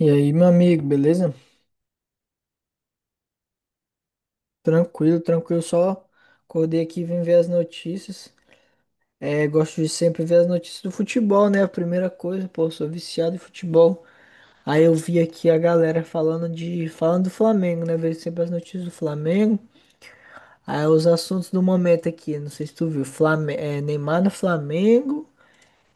E aí, meu amigo, beleza? Tranquilo, tranquilo, só acordei aqui e vim ver as notícias. É, gosto de sempre ver as notícias do futebol, né? A primeira coisa, pô, sou viciado em futebol. Aí eu vi aqui a galera falando do Flamengo, né? Vejo sempre as notícias do Flamengo. Aí os assuntos do momento aqui, não sei se tu viu, Neymar no Flamengo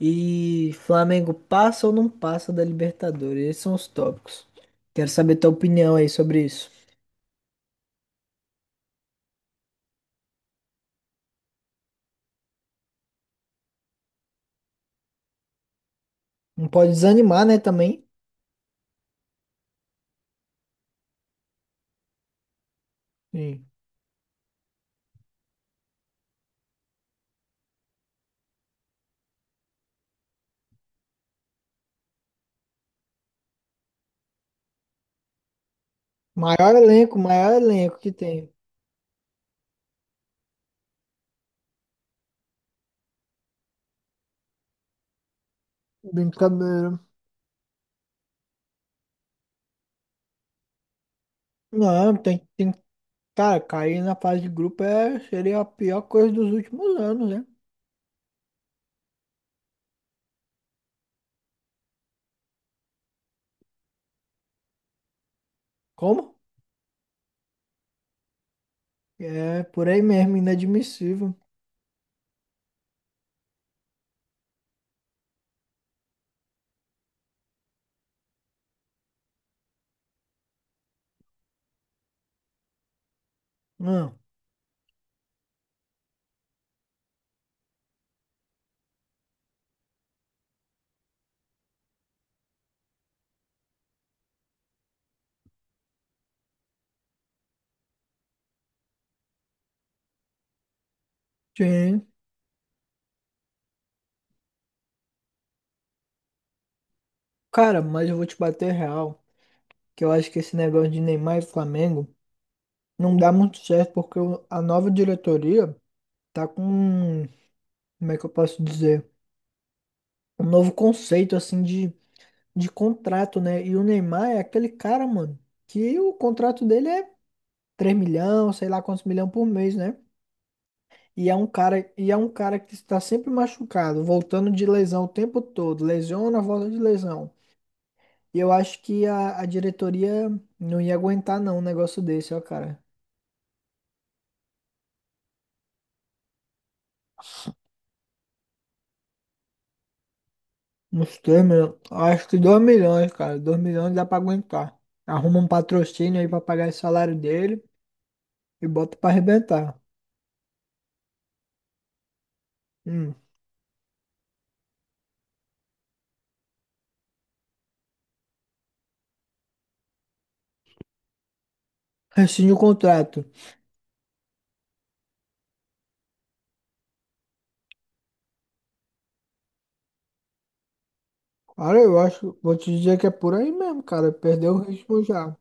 e Flamengo passa ou não passa da Libertadores. Esses são os tópicos. Quero saber tua opinião aí sobre isso. Não pode desanimar, né, também? Maior elenco que tem. Brincadeira. Não, tem, tem. Cara, cair na fase de grupo seria a pior coisa dos últimos anos, né? Como? É, por aí mesmo, inadmissível. Não, sim. Cara, mas eu vou te bater real, que eu acho que esse negócio de Neymar e Flamengo não dá muito certo, porque a nova diretoria tá com, como é que eu posso dizer? Um novo conceito, assim, de contrato, né? E o Neymar é aquele cara, mano, que o contrato dele é 3 milhão, sei lá quantos milhão por mês, né? E é um cara que está sempre machucado, voltando de lesão o tempo todo, lesiona, volta de lesão. E eu acho que a diretoria não ia aguentar não um negócio desse, ó, cara. Uns 3 milhões, acho que 2 milhões, cara, 2 milhões dá pra aguentar. Arruma um patrocínio aí pra pagar esse salário dele e bota pra arrebentar. Hum. Rescinde o contrato. Cara, eu acho, vou te dizer que é por aí mesmo, cara, perdeu o ritmo já.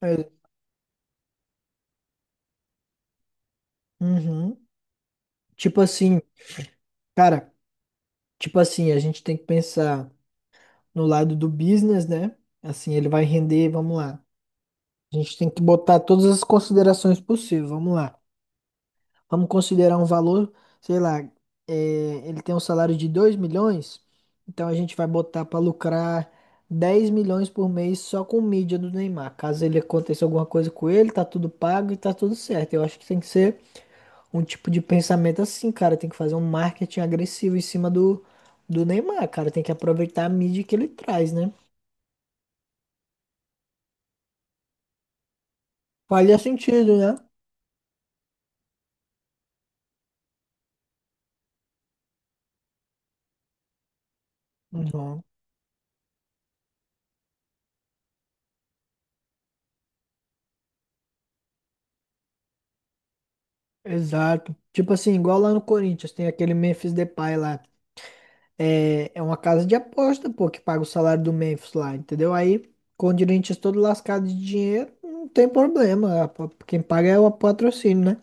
É. Uhum. Tipo assim, cara, tipo assim, a gente tem que pensar no lado do business, né? Assim, ele vai render, vamos lá. A gente tem que botar todas as considerações possíveis, vamos lá. Vamos considerar um valor, sei lá, é, ele tem um salário de 2 milhões, então a gente vai botar para lucrar 10 milhões por mês só com mídia do Neymar. Caso ele aconteça alguma coisa com ele, tá tudo pago e tá tudo certo. Eu acho que tem que ser um tipo de pensamento assim, cara. Tem que fazer um marketing agressivo em cima do Neymar, cara. Tem que aproveitar a mídia que ele traz, né? Faria sentido, né? Uhum. Exato. Tipo assim, igual lá no Corinthians, tem aquele Memphis Depay lá. É uma casa de aposta, pô, que paga o salário do Memphis lá, entendeu? Aí, com o Corinthians todo lascado de dinheiro, não tem problema. Quem paga é o patrocínio, né?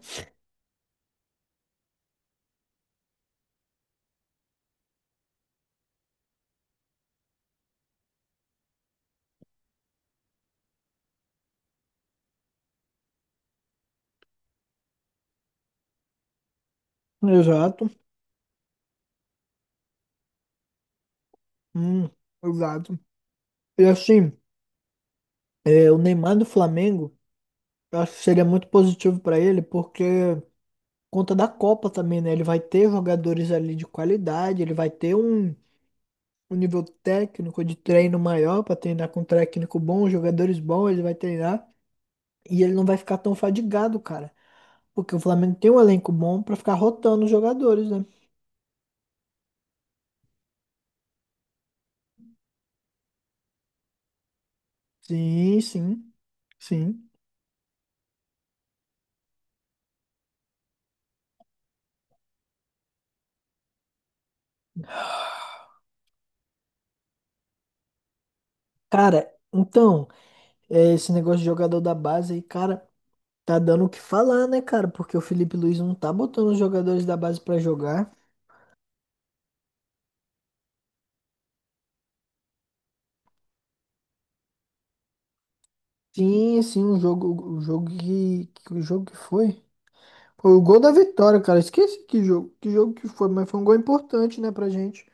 Exato. Hum, exato. E assim, o Neymar do Flamengo. Eu acho que seria muito positivo para ele, porque conta da Copa também, né? Ele vai ter jogadores ali de qualidade, ele vai ter um nível técnico de treino maior para treinar com um técnico bom, jogadores bons, ele vai treinar e ele não vai ficar tão fadigado, cara, porque o Flamengo tem um elenco bom para ficar rotando os jogadores, né? Sim, sim, sim. Cara, então, esse negócio de jogador da base aí, cara, tá dando o que falar, né, cara? Porque o Felipe Luiz não tá botando os jogadores da base para jogar. Sim, sim, o jogo que o jogo que foi. Foi o gol da vitória, cara. Esqueci que jogo, que jogo que foi, mas foi um gol importante, né, pra gente.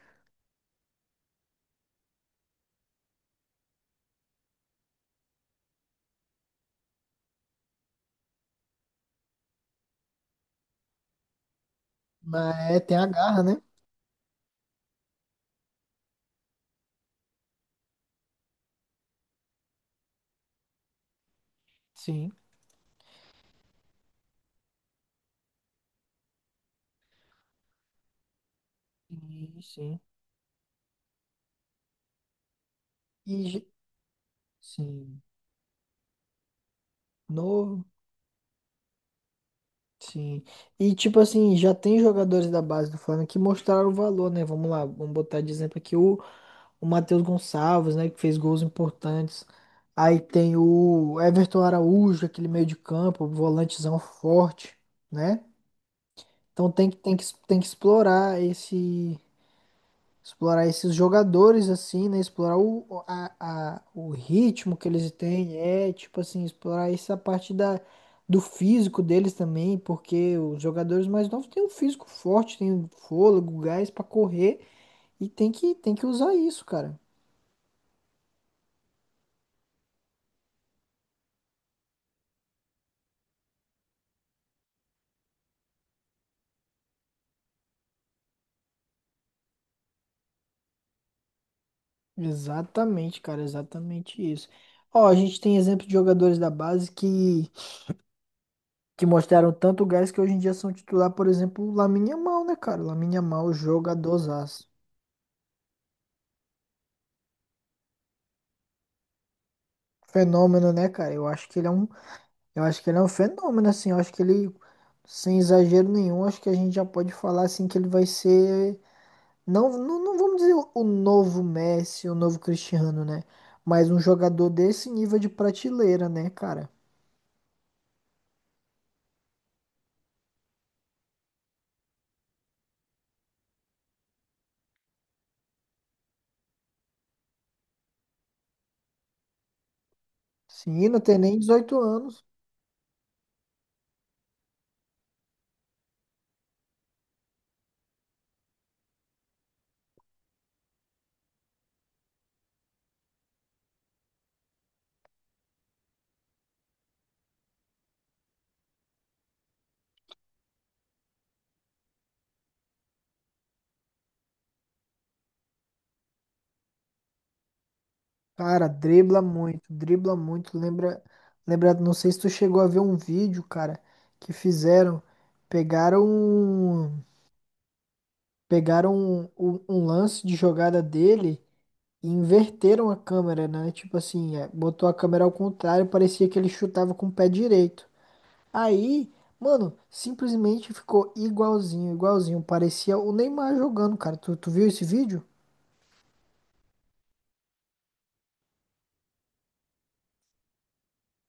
Mas é, tem a garra, né? Sim, sim, sim. E j- sim, novo, sim. E tipo assim, já tem jogadores da base do Flamengo que mostraram o valor, né? Vamos lá, vamos botar de exemplo aqui o Matheus Gonçalves, né, que fez gols importantes. Aí tem o Everton Araújo, aquele meio de campo, volantezão forte, né? Então tem que explorar explorar esses jogadores assim, né? Explorar o ritmo que eles têm, é tipo assim, explorar essa parte do físico deles também, porque os jogadores mais novos têm um físico forte, têm um fôlego, gás pra correr e tem que usar isso, cara. Exatamente, cara, exatamente isso. Ó, a gente tem exemplo de jogadores da base que mostraram tanto gás que hoje em dia são titular, por exemplo, o Lamine Yamal, né, cara? O Lamine Yamal, jogadorzaço. Fenômeno, né, cara? Eu acho que ele é um, eu acho que ele é um fenômeno, assim. Eu acho que ele, sem exagero nenhum, acho que a gente já pode falar, assim, que ele vai ser, não, não, não vamos dizer o novo Messi, o novo Cristiano, né? Mas um jogador desse nível de prateleira, né, cara? Sim, não tem nem 18 anos. Cara, dribla muito, dribla muito. Lembra, lembra, não sei se tu chegou a ver um vídeo, cara, que fizeram, pegaram, um- pegaram um lance de jogada dele e inverteram a câmera, né? Tipo assim, botou a câmera ao contrário, parecia que ele chutava com o pé direito. Aí, mano, simplesmente ficou igualzinho, igualzinho. Parecia o Neymar jogando, cara. Tu viu esse vídeo?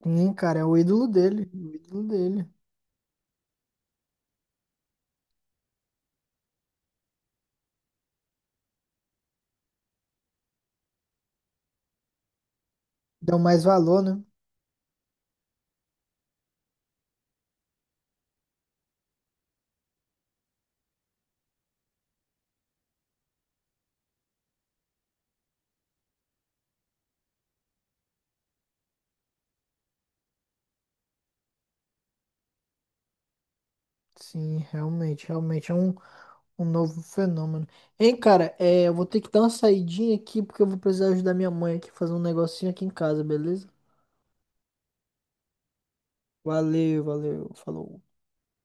Sim, cara, é o ídolo dele, o ídolo dele. Dão mais valor, né? Sim, realmente, realmente é um novo fenômeno. Hein, cara, eu vou ter que dar uma saidinha aqui porque eu vou precisar ajudar minha mãe aqui fazer um negocinho aqui em casa, beleza? Valeu, valeu, falou.